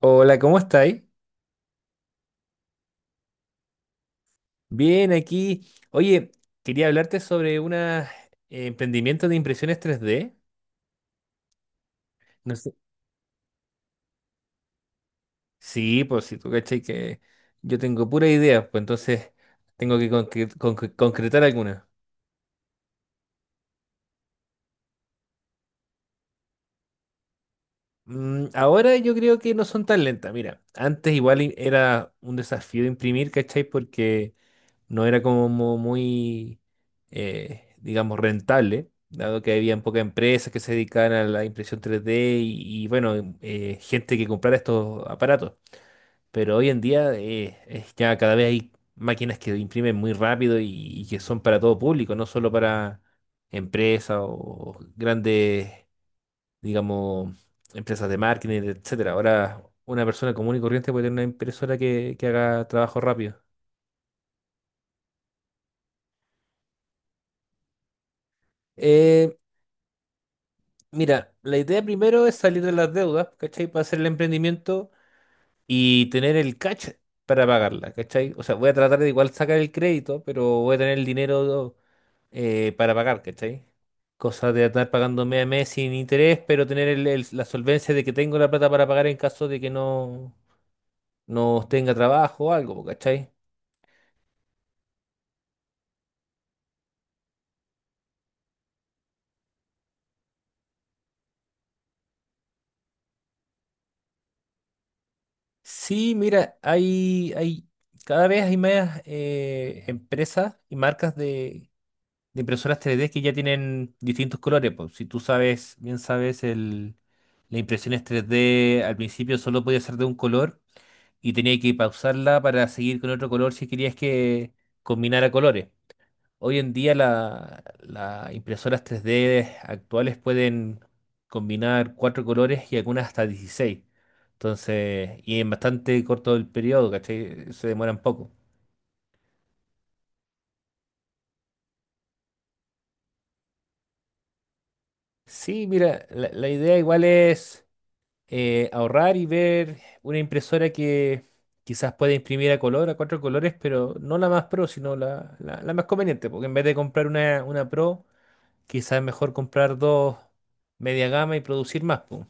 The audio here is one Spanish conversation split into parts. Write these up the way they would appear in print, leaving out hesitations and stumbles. Hola, ¿cómo estáis? Bien, aquí. Oye, quería hablarte sobre unos emprendimientos de impresiones 3D. No sé. Sí, pues si tú cachai que yo tengo pura idea, pues entonces tengo que concretar algunas. Ahora yo creo que no son tan lentas. Mira, antes igual era un desafío imprimir, ¿cachai? Porque no era como muy, digamos, rentable, dado que había pocas empresas que se dedicaban a la impresión 3D y, bueno, gente que comprara estos aparatos. Pero hoy en día es ya cada vez hay máquinas que imprimen muy rápido y que son para todo público, no solo para empresas o grandes, digamos, empresas de marketing, etcétera. Ahora una persona común y corriente puede tener una impresora que haga trabajo rápido. Eh, Mira, la idea primero es salir de las deudas, ¿cachai? Para hacer el emprendimiento y tener el cash para pagarla, ¿cachai? O sea, voy a tratar de igual sacar el crédito, pero voy a tener el dinero para pagar, ¿cachai? Cosa de estar pagando mes a mes sin interés, pero tener la solvencia de que tengo la plata para pagar en caso de que no, no tenga trabajo o algo, ¿cachai? Sí, mira, cada vez hay más empresas y marcas de impresoras 3D que ya tienen distintos colores. Pues. Si tú sabes, bien sabes, la impresión es 3D al principio solo podía ser de un color y tenía que pausarla para seguir con otro color si querías que combinara colores. Hoy en día las impresoras 3D actuales pueden combinar cuatro colores y algunas hasta 16. Entonces, y en bastante corto el periodo, ¿cachai? Se demoran poco. Sí, mira, la idea igual es, ahorrar y ver una impresora que quizás pueda imprimir a color, a cuatro colores, pero no la más pro, sino la más conveniente, porque en vez de comprar una pro, quizás es mejor comprar dos media gama y producir más, po.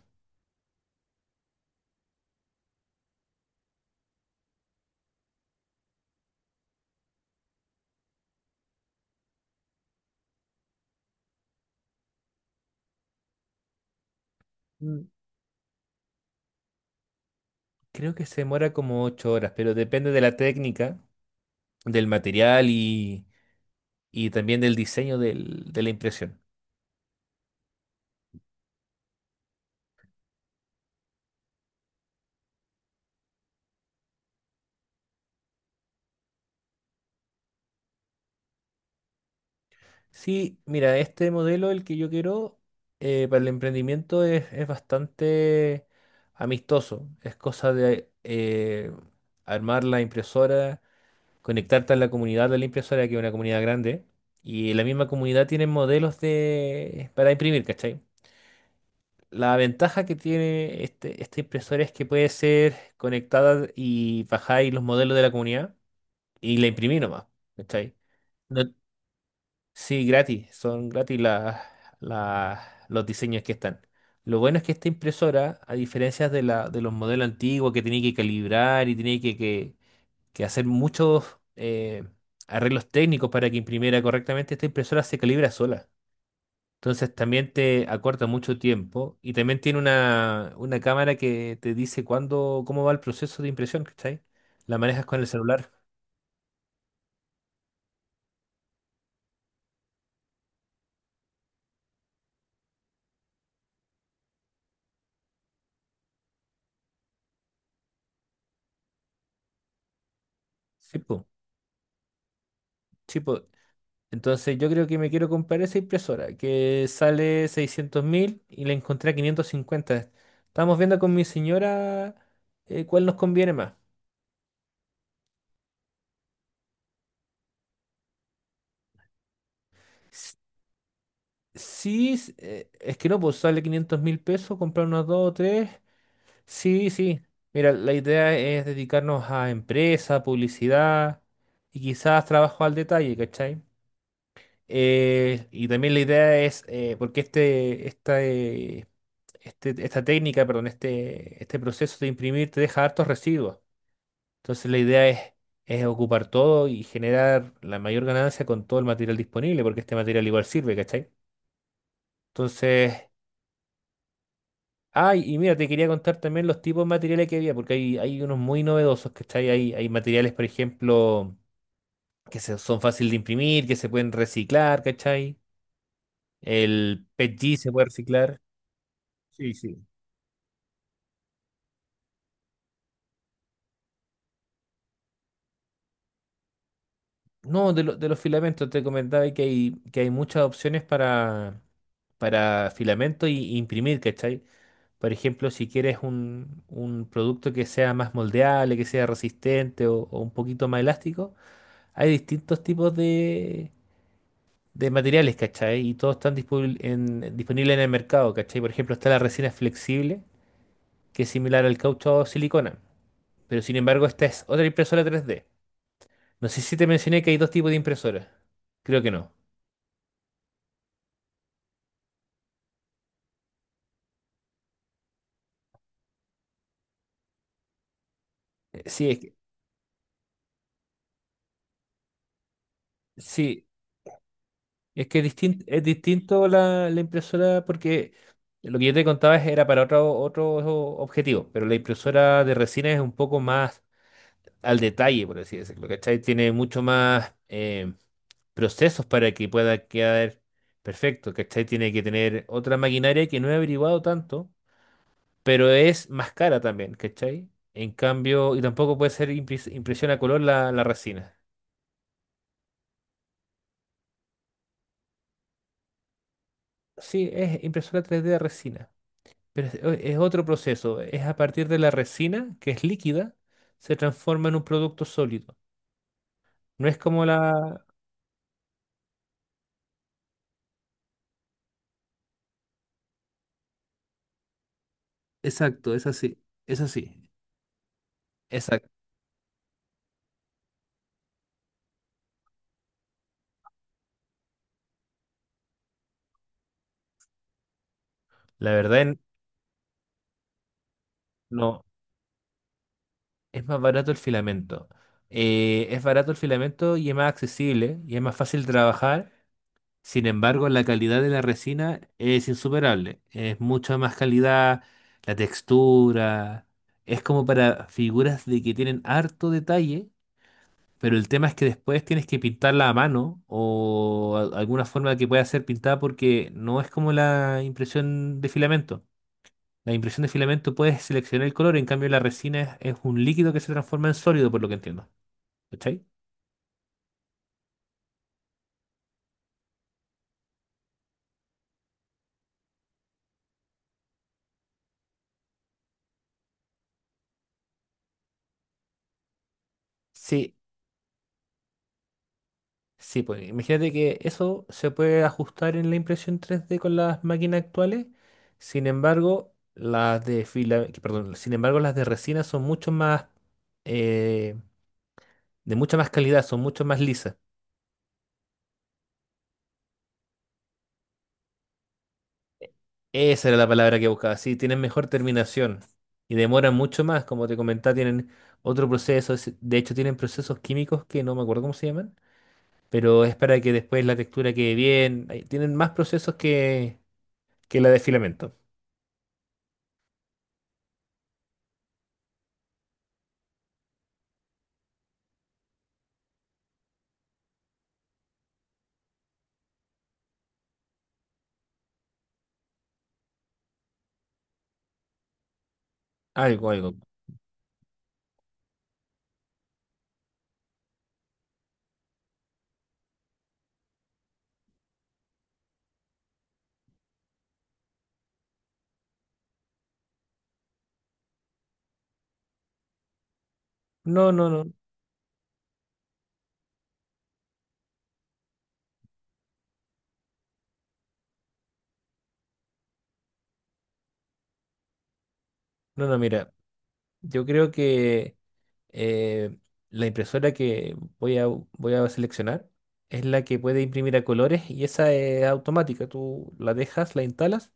Mm, Creo que se demora como 8 horas, pero depende de la técnica, del material y también del diseño de la impresión. Sí, mira, este modelo, el que yo quiero para el emprendimiento es bastante amistoso. Es cosa de armar la impresora, conectarte a la comunidad de la impresora, que es una comunidad grande, y la misma comunidad tiene modelos para imprimir, ¿cachai? La ventaja que tiene esta impresora es que puede ser conectada y bajáis los modelos de la comunidad y la imprimí nomás, ¿cachai? No, sí, gratis, son gratis las- los diseños que están. Lo bueno es que esta impresora, a diferencia de los modelos antiguos que tenía que calibrar y tenía que hacer muchos arreglos técnicos para que imprimiera correctamente, esta impresora se calibra sola. Entonces también te acorta mucho tiempo y también tiene una cámara que te dice cuándo, cómo va el proceso de impresión, ¿cachai? La manejas con el celular. Sí, po, sí, po, entonces yo creo que me quiero comprar esa impresora que sale 600.000 y la encontré a 550. Estamos viendo con mi señora cuál nos conviene más. S- Sí, es que no, pues sale $500.000, comprar unas dos o tres. Sí, sí. Mira, la idea es dedicarnos a empresa, publicidad y quizás trabajo al detalle, ¿cachai? Y también la idea es, porque esta técnica, perdón, este proceso de imprimir te deja hartos residuos. Entonces la idea es ocupar todo y generar la mayor ganancia con todo el material disponible, porque este material igual sirve, ¿cachai? Entonces, ay, y mira, te quería contar también los tipos de materiales que había, porque hay unos muy novedosos, ¿cachai? Hay materiales, por ejemplo, que son fáciles de imprimir, que se pueden reciclar, ¿cachai? El PETG se puede reciclar. Sí, sí. No, de los filamentos te comentaba que hay muchas opciones para filamento y imprimir, ¿cachai? Por ejemplo, si quieres un producto que sea más moldeable, que sea resistente o un poquito más elástico, hay distintos tipos de materiales, ¿cachai? Y todos están disponibles en el mercado, ¿cachai? Por ejemplo, está la resina flexible, que es similar al caucho o silicona, pero sin embargo, esta es otra impresora 3D. No sé si te mencioné que hay dos tipos de impresoras. Creo que no. Eh, Sí, es que, sí, es que es distinto la impresora porque lo que yo te contaba era para otro objetivo, pero la impresora de resina es un poco más al detalle, por así decirlo, ¿cachai? Tiene mucho más procesos para que pueda quedar perfecto, ¿cachai? Tiene que tener otra maquinaria que no he averiguado tanto, pero es más cara también, ¿cachai? En cambio, y tampoco puede ser impresión a color la resina. Sí, es impresora 3D de resina. Pero es otro proceso. Es a partir de la resina, que es líquida, se transforma en un producto sólido. No es como la. Exacto, es así. Es así. Exacto. La verdad, no. Es más barato el filamento. Es barato el filamento y es más accesible y es más fácil de trabajar. Sin embargo, la calidad de la resina es insuperable. Es mucha más calidad, la textura. Es como para figuras de que tienen harto detalle. Pero el tema es que después tienes que pintarla a mano o alguna forma que pueda ser pintada porque no es como la impresión de filamento. La impresión de filamento puedes seleccionar el color, en cambio la resina es un líquido que se transforma en sólido, por lo que entiendo. ¿Cachai? Sí, sí, pues imagínate que eso se puede ajustar en la impresión 3D con las máquinas actuales. Sin embargo, las de fila, que- perdón, sin embargo, las de resina son mucho más eh, de mucha más calidad, son mucho más lisas. Esa era la palabra que buscaba. Sí, tienen mejor terminación y demoran mucho más. Como te comentaba, tienen otro proceso. De hecho, tienen procesos químicos que no me acuerdo cómo se llaman, pero es para que después la textura quede bien. Ay, tienen más procesos que la de filamento. Algo, algo. No, no, no. No, no, mira. Yo creo que eh, la impresora que voy a seleccionar es la que puede imprimir a colores y esa es automática. Tú la dejas, la instalas,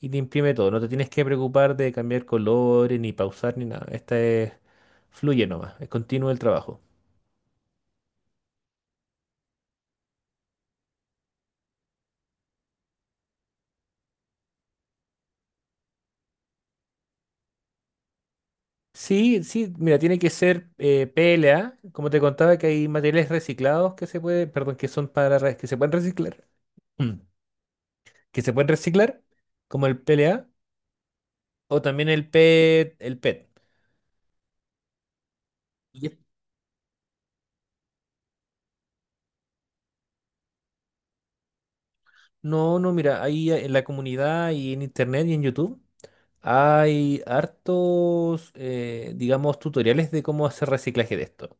y te imprime todo. No te tienes que preocupar de cambiar colores, ni pausar, ni nada. Fluye nomás, es continuo el trabajo. Sí, sí, mira, tiene que ser PLA, como te contaba que hay materiales reciclados perdón, que son para que se pueden reciclar, mm, que se pueden reciclar, como el PLA o también el PET, el PET. Y es- No, no, mira, ahí en la comunidad y en internet y en YouTube hay hartos, digamos, tutoriales de cómo hacer reciclaje de esto.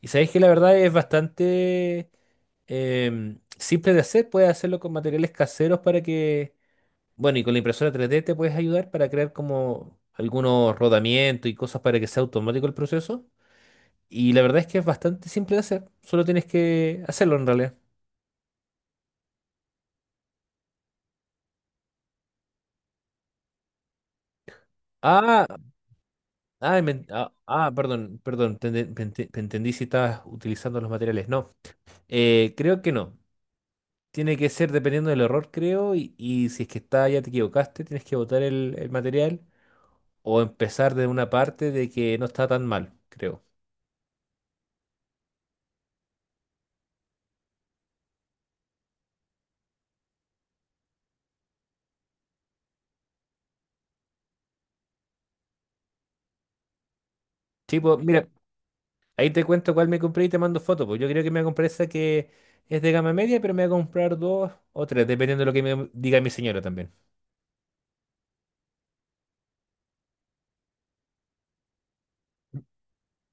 Y sabéis que la verdad es bastante simple de hacer. Puedes hacerlo con materiales caseros para que, bueno, y con la impresora 3D te puedes ayudar para crear como algunos rodamientos y cosas para que sea automático el proceso. Y la verdad es que es bastante simple de hacer. Solo tienes que hacerlo en realidad. Ah, ah, ah, ah, perdón, perdón, te entendí si estabas utilizando los materiales. No, creo que no. Tiene que ser dependiendo del error, creo, y si es que está, ya te equivocaste, tienes que botar el material o empezar de una parte de que no está tan mal, creo. Tipo, mira, ahí te cuento cuál me compré y te mando foto, pues yo creo que me voy a comprar esa que es de gama media, pero me voy a comprar dos o tres, dependiendo de lo que me diga mi señora también.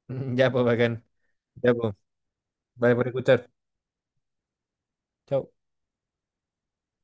Ya, pues, bacán. Ya, pues, vale por escuchar. Chao.